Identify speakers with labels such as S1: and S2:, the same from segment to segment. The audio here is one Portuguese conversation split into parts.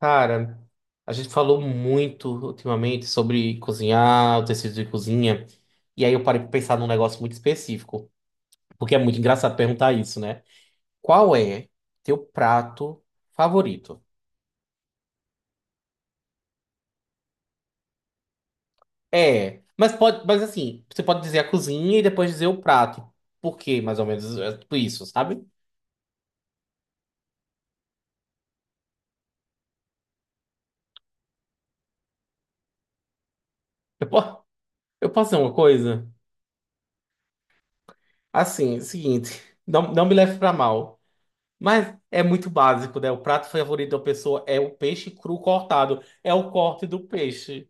S1: Cara, a gente falou muito ultimamente sobre cozinhar, utensílios de cozinha, e aí eu parei pra pensar num negócio muito específico, porque é muito engraçado perguntar isso, né? Qual é teu prato favorito? É, mas pode, mas assim, você pode dizer a cozinha e depois dizer o prato. Por quê, mais ou menos, é tipo isso, sabe? Eu, po- eu posso dizer uma coisa? Assim, é o seguinte, não me leve pra mal. Mas é muito básico, né? O prato favorito da pessoa é o peixe cru cortado. É o corte do peixe.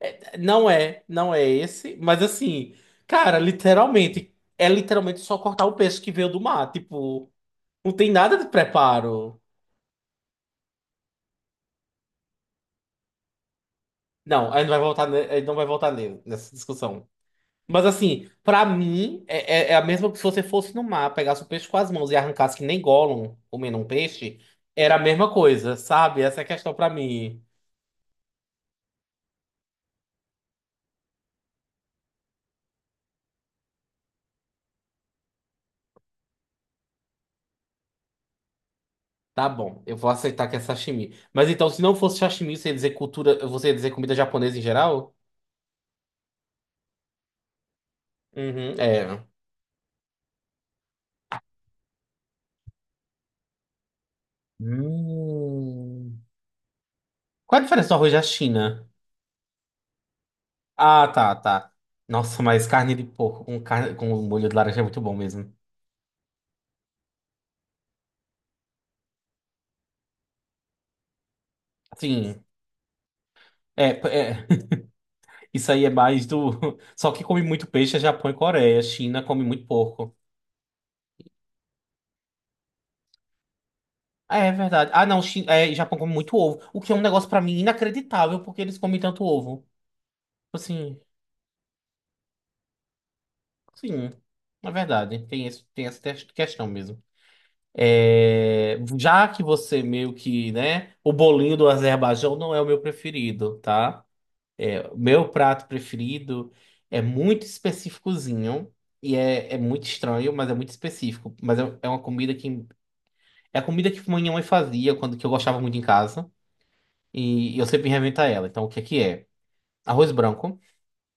S1: Não é esse, mas assim, cara, literalmente, é literalmente só cortar o peixe que veio do mar. Tipo, não tem nada de preparo. Não, a gente não vai voltar nessa discussão. Mas assim, pra mim, é a mesma que se você fosse no mar, pegasse o peixe com as mãos e arrancasse que nem Gollum comendo um peixe, era a mesma coisa, sabe? Essa é a questão pra mim. Tá bom, eu vou aceitar que é sashimi. Mas então, se não fosse sashimi, você ia dizer cultura, você ia dizer comida japonesa em geral? Uhum, é. Hum. Qual a diferença do arroz da China? Ah, tá, tá. Nossa, mas carne de porco com molho de laranja é muito bom mesmo. Sim, é, é. Isso aí é mais do. Só que come muito peixe é Japão e Coreia. China come muito porco. Ah, é verdade. Ah, não, China, é, Japão come muito ovo. O que é um negócio pra mim inacreditável, porque eles comem tanto ovo. Tipo assim. Sim, na verdade, tem esse, questão mesmo. É, já que você meio que, né, o bolinho do Azerbaijão não é o meu preferido, tá? É, o meu prato preferido é muito específicozinho e é muito estranho, mas é muito específico. Mas é uma comida que é a comida que minha mãe fazia quando que eu gostava muito em casa e, eu sempre reinventava ela. Então, o que é que é? Arroz branco,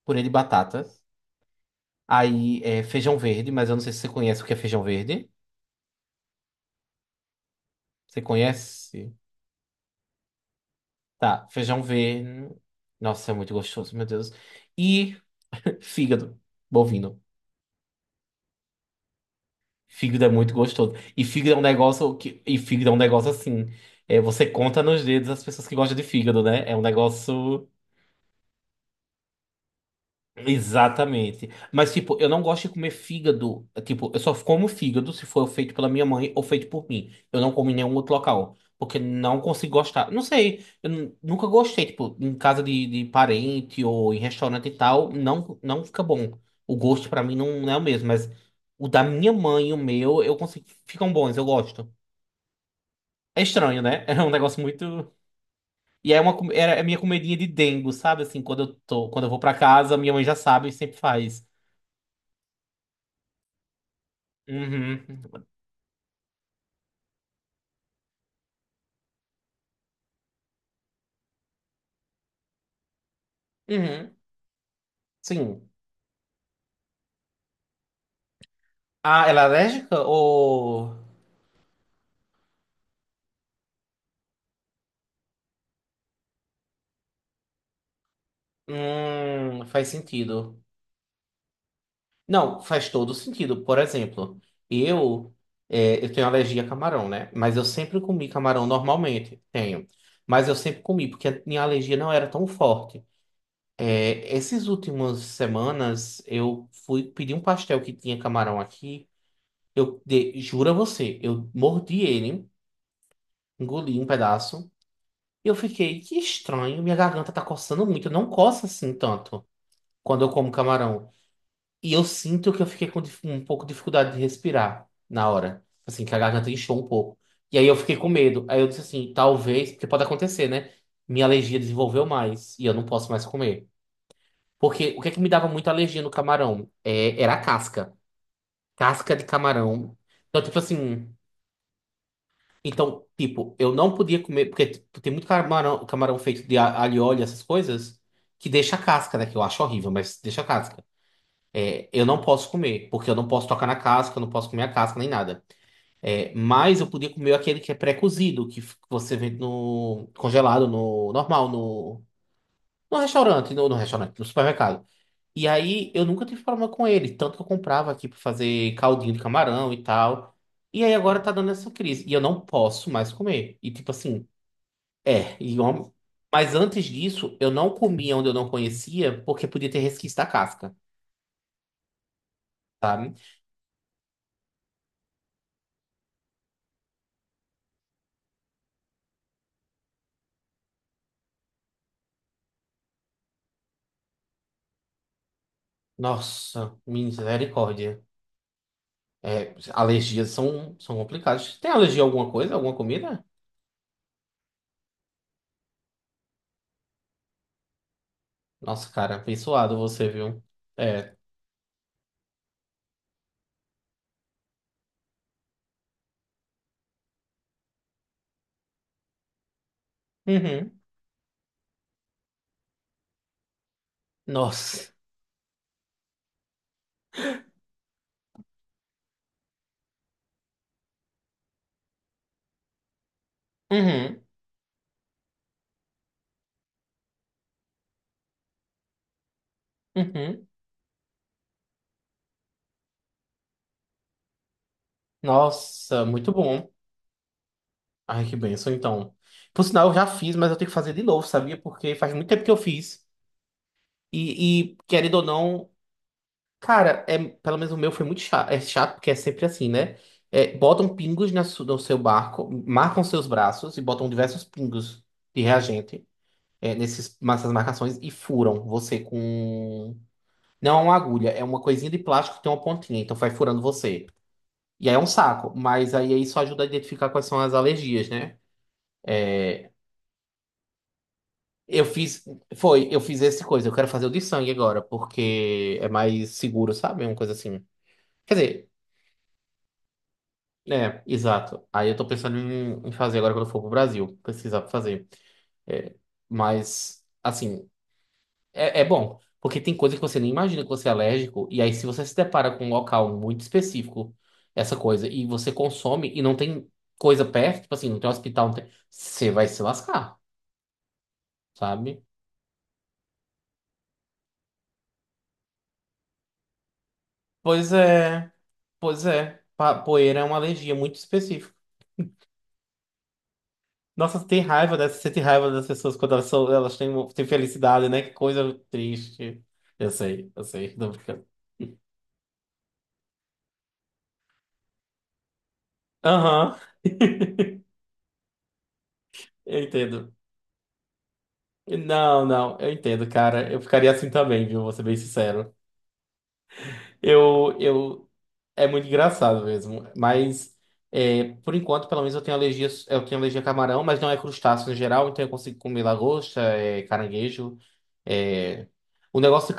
S1: purê de batatas, aí é feijão verde, mas eu não sei se você conhece o que é feijão verde. Você conhece? Tá, feijão verde. Nossa, é muito gostoso, meu Deus. E fígado, bovino. Fígado é muito gostoso. E fígado é um negócio assim, é, você conta nos dedos as pessoas que gostam de fígado, né? É um negócio. Exatamente. Mas, tipo, eu não gosto de comer fígado. Tipo, eu só como fígado se for feito pela minha mãe ou feito por mim. Eu não como em nenhum outro local. Porque não consigo gostar. Não sei. Eu nunca gostei. Tipo, em casa de parente ou em restaurante e tal, não, não fica bom. O gosto pra mim não é o mesmo. Mas o da minha mãe e o meu, eu consigo. Ficam bons, eu gosto. É estranho, né? É um negócio muito. E era a minha comidinha de dengo, sabe? Assim, quando eu vou pra casa, minha mãe já sabe e sempre faz. Uhum. Uhum. Sim. Ah, ela é alérgica ou. Faz sentido. Não, faz todo sentido. Por exemplo, eu, eu tenho alergia a camarão, né? Mas eu sempre comi camarão normalmente. Tenho. Mas eu sempre comi, porque a minha alergia não era tão forte. É, essas últimas semanas, eu fui pedir um pastel que tinha camarão aqui. Juro a você, eu mordi ele, engoli um pedaço. E eu fiquei, que estranho, minha garganta tá coçando muito, não coça assim tanto quando eu como camarão. E eu sinto que eu fiquei com um pouco de dificuldade de respirar na hora, assim, que a garganta inchou um pouco. E aí eu fiquei com medo. Aí eu disse assim, talvez, porque pode acontecer, né? Minha alergia desenvolveu mais e eu não posso mais comer. Porque o que é que me dava muita alergia no camarão? É, era a casca. Casca de camarão. Então, tipo assim. Então, tipo, eu não podia comer, porque tipo, tem muito camarão feito de alho e óleo, essas coisas, que deixa a casca, né? Que eu acho horrível, mas deixa a casca. É, eu não posso comer, porque eu não posso tocar na casca, eu não posso comer a casca nem nada. É, mas eu podia comer aquele que é pré-cozido, que você vende no congelado, no normal, no restaurante, no restaurante, no supermercado. E aí eu nunca tive problema com ele, tanto que eu comprava aqui pra fazer caldinho de camarão e tal. E aí agora tá dando essa crise. E eu não posso mais comer. E tipo assim, é, e uma- mas antes disso, eu não comia onde eu não conhecia, porque podia ter resquício da casca, sabe? Nossa, misericórdia. É, alergias são complicadas. Tem alergia a alguma coisa, alguma comida? Nossa, cara, abençoado você, viu? É. Uhum. Nossa. Uhum. Uhum. Nossa, muito bom. Ai, que bênção, então. Por sinal, eu já fiz, mas eu tenho que fazer de novo, sabia? Porque faz muito tempo que eu fiz. E, querendo ou não. Cara, pelo menos o meu foi muito chato. É chato porque é sempre assim, né? É, botam pingos no seu barco, marcam seus braços e botam diversos pingos de reagente, nessas marcações e furam você com. Não é uma agulha, é uma coisinha de plástico que tem uma pontinha, então vai furando você. E aí é um saco, mas aí isso ajuda a identificar quais são as alergias, né? Eu fiz. Foi, eu fiz essa coisa. Eu quero fazer o de sangue agora, porque é mais seguro, sabe? É uma coisa assim. Quer dizer. É, exato. Aí eu tô pensando em fazer agora quando eu for pro Brasil, pesquisar pra fazer. É, mas, assim, é bom, porque tem coisa que você nem imagina que você é alérgico, e aí se você se depara com um local muito específico, essa coisa, e você consome e não tem coisa perto, tipo assim, não tem hospital, não tem... Você vai se lascar, sabe? Pois é, pois é. Poeira é uma alergia muito específica. Nossa, tem raiva dessa, você tem raiva das pessoas quando elas têm felicidade, né? Que coisa triste. Eu sei, tô brincando. Aham. Eu entendo. Não, não, eu entendo, cara. Eu ficaria assim também, viu? Vou ser bem sincero. Eu, eu, é muito engraçado mesmo. Mas, é, por enquanto, pelo menos eu tenho alergia a camarão, mas não é crustáceo no geral, então eu consigo comer lagosta, caranguejo. É... O negócio.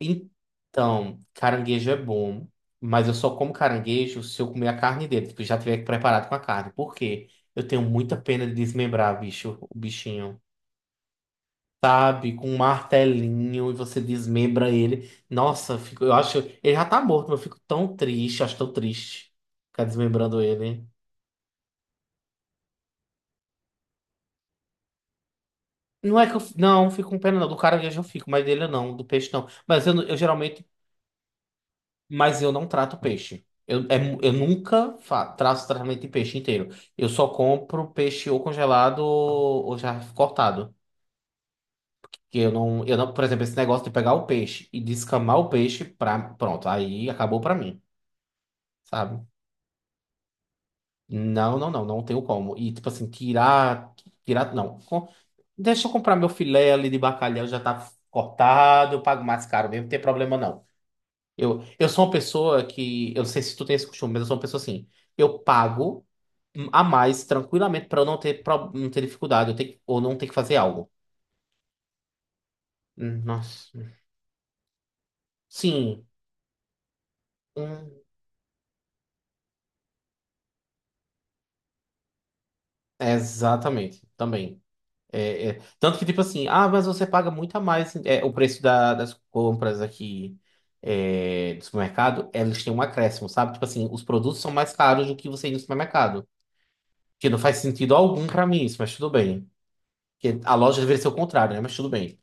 S1: Então, caranguejo é bom, mas eu só como caranguejo se eu comer a carne dele, tipo, já tiver preparado com a carne. Por quê? Eu tenho muita pena de desmembrar, o bichinho. Sabe, com um martelinho e você desmembra ele. Nossa, eu fico, eu acho, ele já tá morto, mas eu fico tão triste, acho tão triste ficar desmembrando ele. Não é que eu, não, fico com pena não, do caranguejo eu fico, mas dele eu não, do peixe não. Mas eu geralmente. Mas eu não trato peixe. Eu, é mu- eu nunca fa- traço tratamento de peixe inteiro. Eu só compro peixe ou congelado ou já cortado. Que eu não, por exemplo, esse negócio de pegar o peixe e descamar o peixe pra, pronto, aí acabou pra mim, sabe? Não, não, não, não tenho como. E tipo assim, tirar, tirar, não. Deixa eu comprar meu filé ali de bacalhau, já tá cortado, eu pago mais caro mesmo, não tem problema não. Eu sou uma pessoa que, eu não sei se tu tem esse costume, mas eu sou uma pessoa assim, eu pago a mais tranquilamente para eu não ter, não ter dificuldade eu ter, ou não ter que fazer algo. Nossa. Sim. Hum, exatamente. Também. É, é. Tanto que, tipo assim, ah, mas você paga muito a mais. Assim", o preço das compras aqui do supermercado, eles têm um acréscimo, sabe? Tipo assim, os produtos são mais caros do que você ir no supermercado. Que não faz sentido algum para mim isso, mas tudo bem. Porque a loja deveria ser o contrário, né? Mas tudo bem.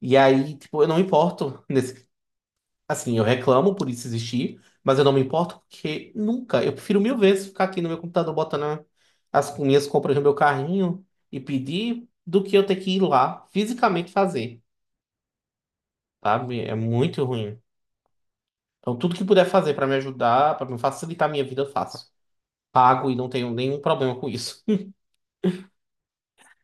S1: E aí, tipo, eu não me importo. Assim, eu reclamo por isso existir, mas eu não me importo porque nunca. Eu prefiro mil vezes ficar aqui no meu computador botando as minhas compras no meu carrinho e pedir do que eu ter que ir lá fisicamente fazer, sabe? É muito ruim. Então, tudo que puder fazer para me ajudar, para me facilitar a minha vida, eu faço. Pago e não tenho nenhum problema com isso.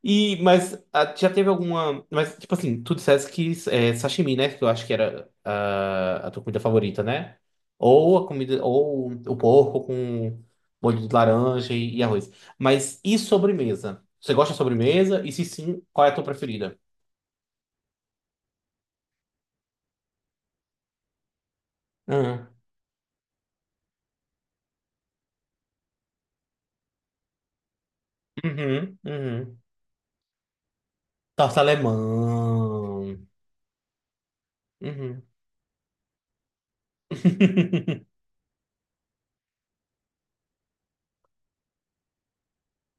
S1: E, mas já teve alguma. Mas, tipo assim, tu dissesse que é sashimi, né? Que eu acho que era a tua comida favorita, né? Ou a comida. Ou o porco com molho de laranja e arroz. Mas e sobremesa? Você gosta de sobremesa? E se sim, qual é a tua preferida? Hum. Uhum, uhum. Torta alemã. Uhum.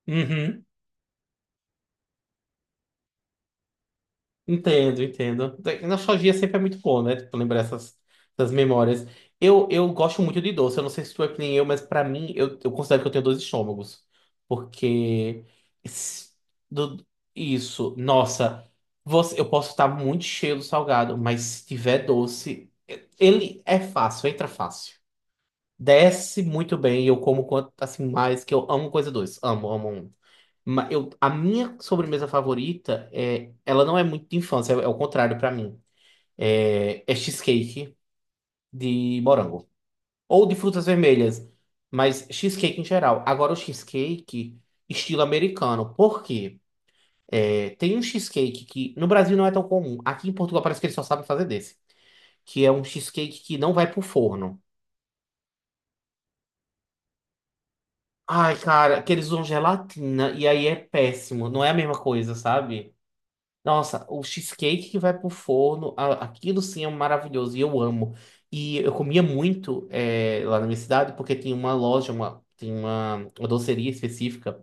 S1: Uhum. Entendo, entendo. Nostalgia sempre é muito bom, né? Tipo, lembrar essas, essas memórias. Eu gosto muito de doce. Eu não sei se tu é que nem eu, mas pra mim, eu considero que eu tenho dois estômagos. Porque. s- do- isso, nossa. Você, eu posso estar muito cheio do salgado, mas se tiver doce, ele é fácil, entra fácil. Desce muito bem, eu como quanto, assim, mais, que eu amo coisa doce. Amo, amo, amo. Eu, a minha sobremesa favorita é, ela não é muito de infância, é, é o contrário pra mim. É cheesecake de morango ou de frutas vermelhas, mas cheesecake em geral. Agora o cheesecake estilo americano. Por quê? É, tem um cheesecake que no Brasil não é tão comum. Aqui em Portugal parece que eles só sabem fazer desse, que é um cheesecake que não vai pro forno. Ai, cara, que eles usam gelatina e aí é péssimo. Não é a mesma coisa, sabe? Nossa, o cheesecake que vai pro forno, aquilo sim é maravilhoso e eu amo. E eu comia muito lá na minha cidade porque tinha uma loja, uma, tem uma doceria específica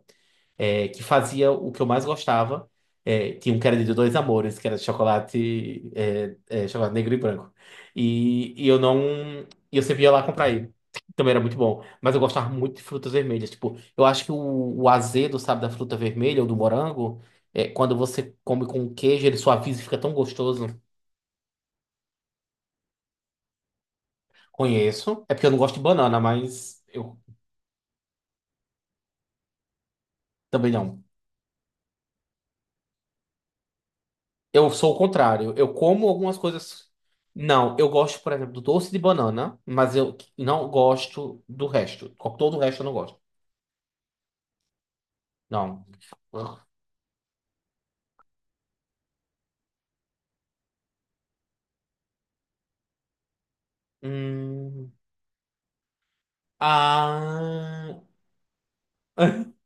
S1: é, que fazia o que eu mais gostava. É, tinha um que era de dois amores, que era de chocolate, chocolate negro e branco. E eu não. Eu sempre ia lá comprar ele. Também era muito bom. Mas eu gostava muito de frutas vermelhas. Tipo, eu acho que o azedo, sabe, da fruta vermelha ou do morango, é, quando você come com queijo, ele suaviza e fica tão gostoso. Conheço. É porque eu não gosto de banana, mas eu também não. Eu sou o contrário. Eu como algumas coisas. Não, eu gosto, por exemplo, do doce de banana, mas eu não gosto do resto. Todo o resto eu não gosto. Não. Hum. Ah.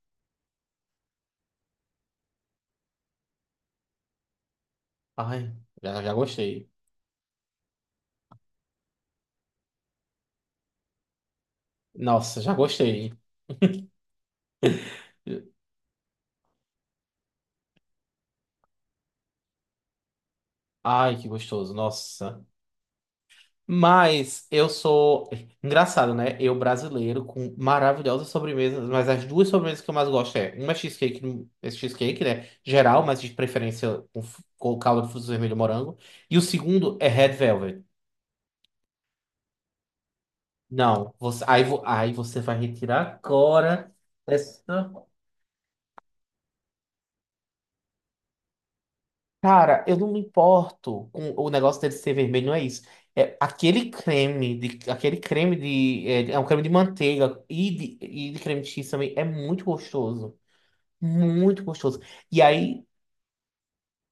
S1: Ai, já, já gostei. Nossa, já gostei. Ai, que gostoso. Nossa. Mas eu sou. Engraçado, né? Eu brasileiro com maravilhosas sobremesas, mas as duas sobremesas que eu mais gosto é uma é cheesecake, né? Geral, mas de preferência com, com calda de frutos vermelho e morango. E o segundo é Red Velvet. Não, você, aí, aí você vai retirar agora essa. Cara, eu não me importo com o negócio dele ser vermelho, não é isso. É aquele creme de, é um creme de manteiga e de creme de cheese também é muito gostoso. Muito gostoso. E aí,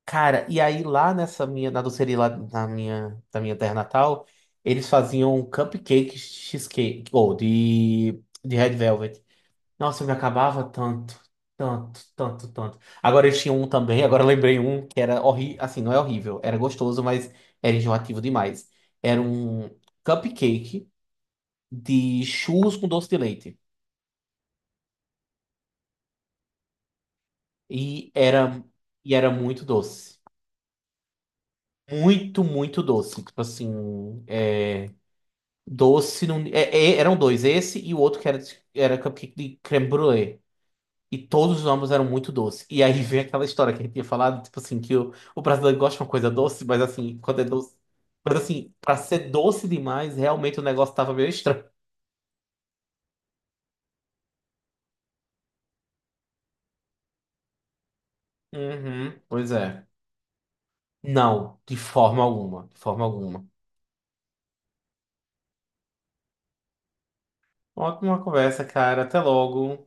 S1: cara, e aí lá nessa minha, na doceria lá na minha, da minha terra natal, eles faziam cupcake cheesecake, ou de Red Velvet. Nossa, eu me acabava tanto, tanto, tanto, tanto. Agora eles tinham um também, agora eu lembrei um que era horrível, assim, não é horrível, era gostoso, mas era enjoativo demais. Era um cupcake de churros com doce de leite. E era, e era muito doce. Muito, muito doce. Tipo assim, é, doce. Não é- é- eram dois, esse e o outro que era, era cupcake de creme brulee. E todos os ambos eram muito doces. E aí vem aquela história que a gente tinha falado, tipo assim, que o brasileiro gosta de uma coisa doce, mas assim, quando é doce. Mas assim, pra ser doce demais, realmente o negócio tava meio estranho. Uhum, pois é. Não, de forma alguma, de forma alguma. Ótima conversa, cara. Até logo.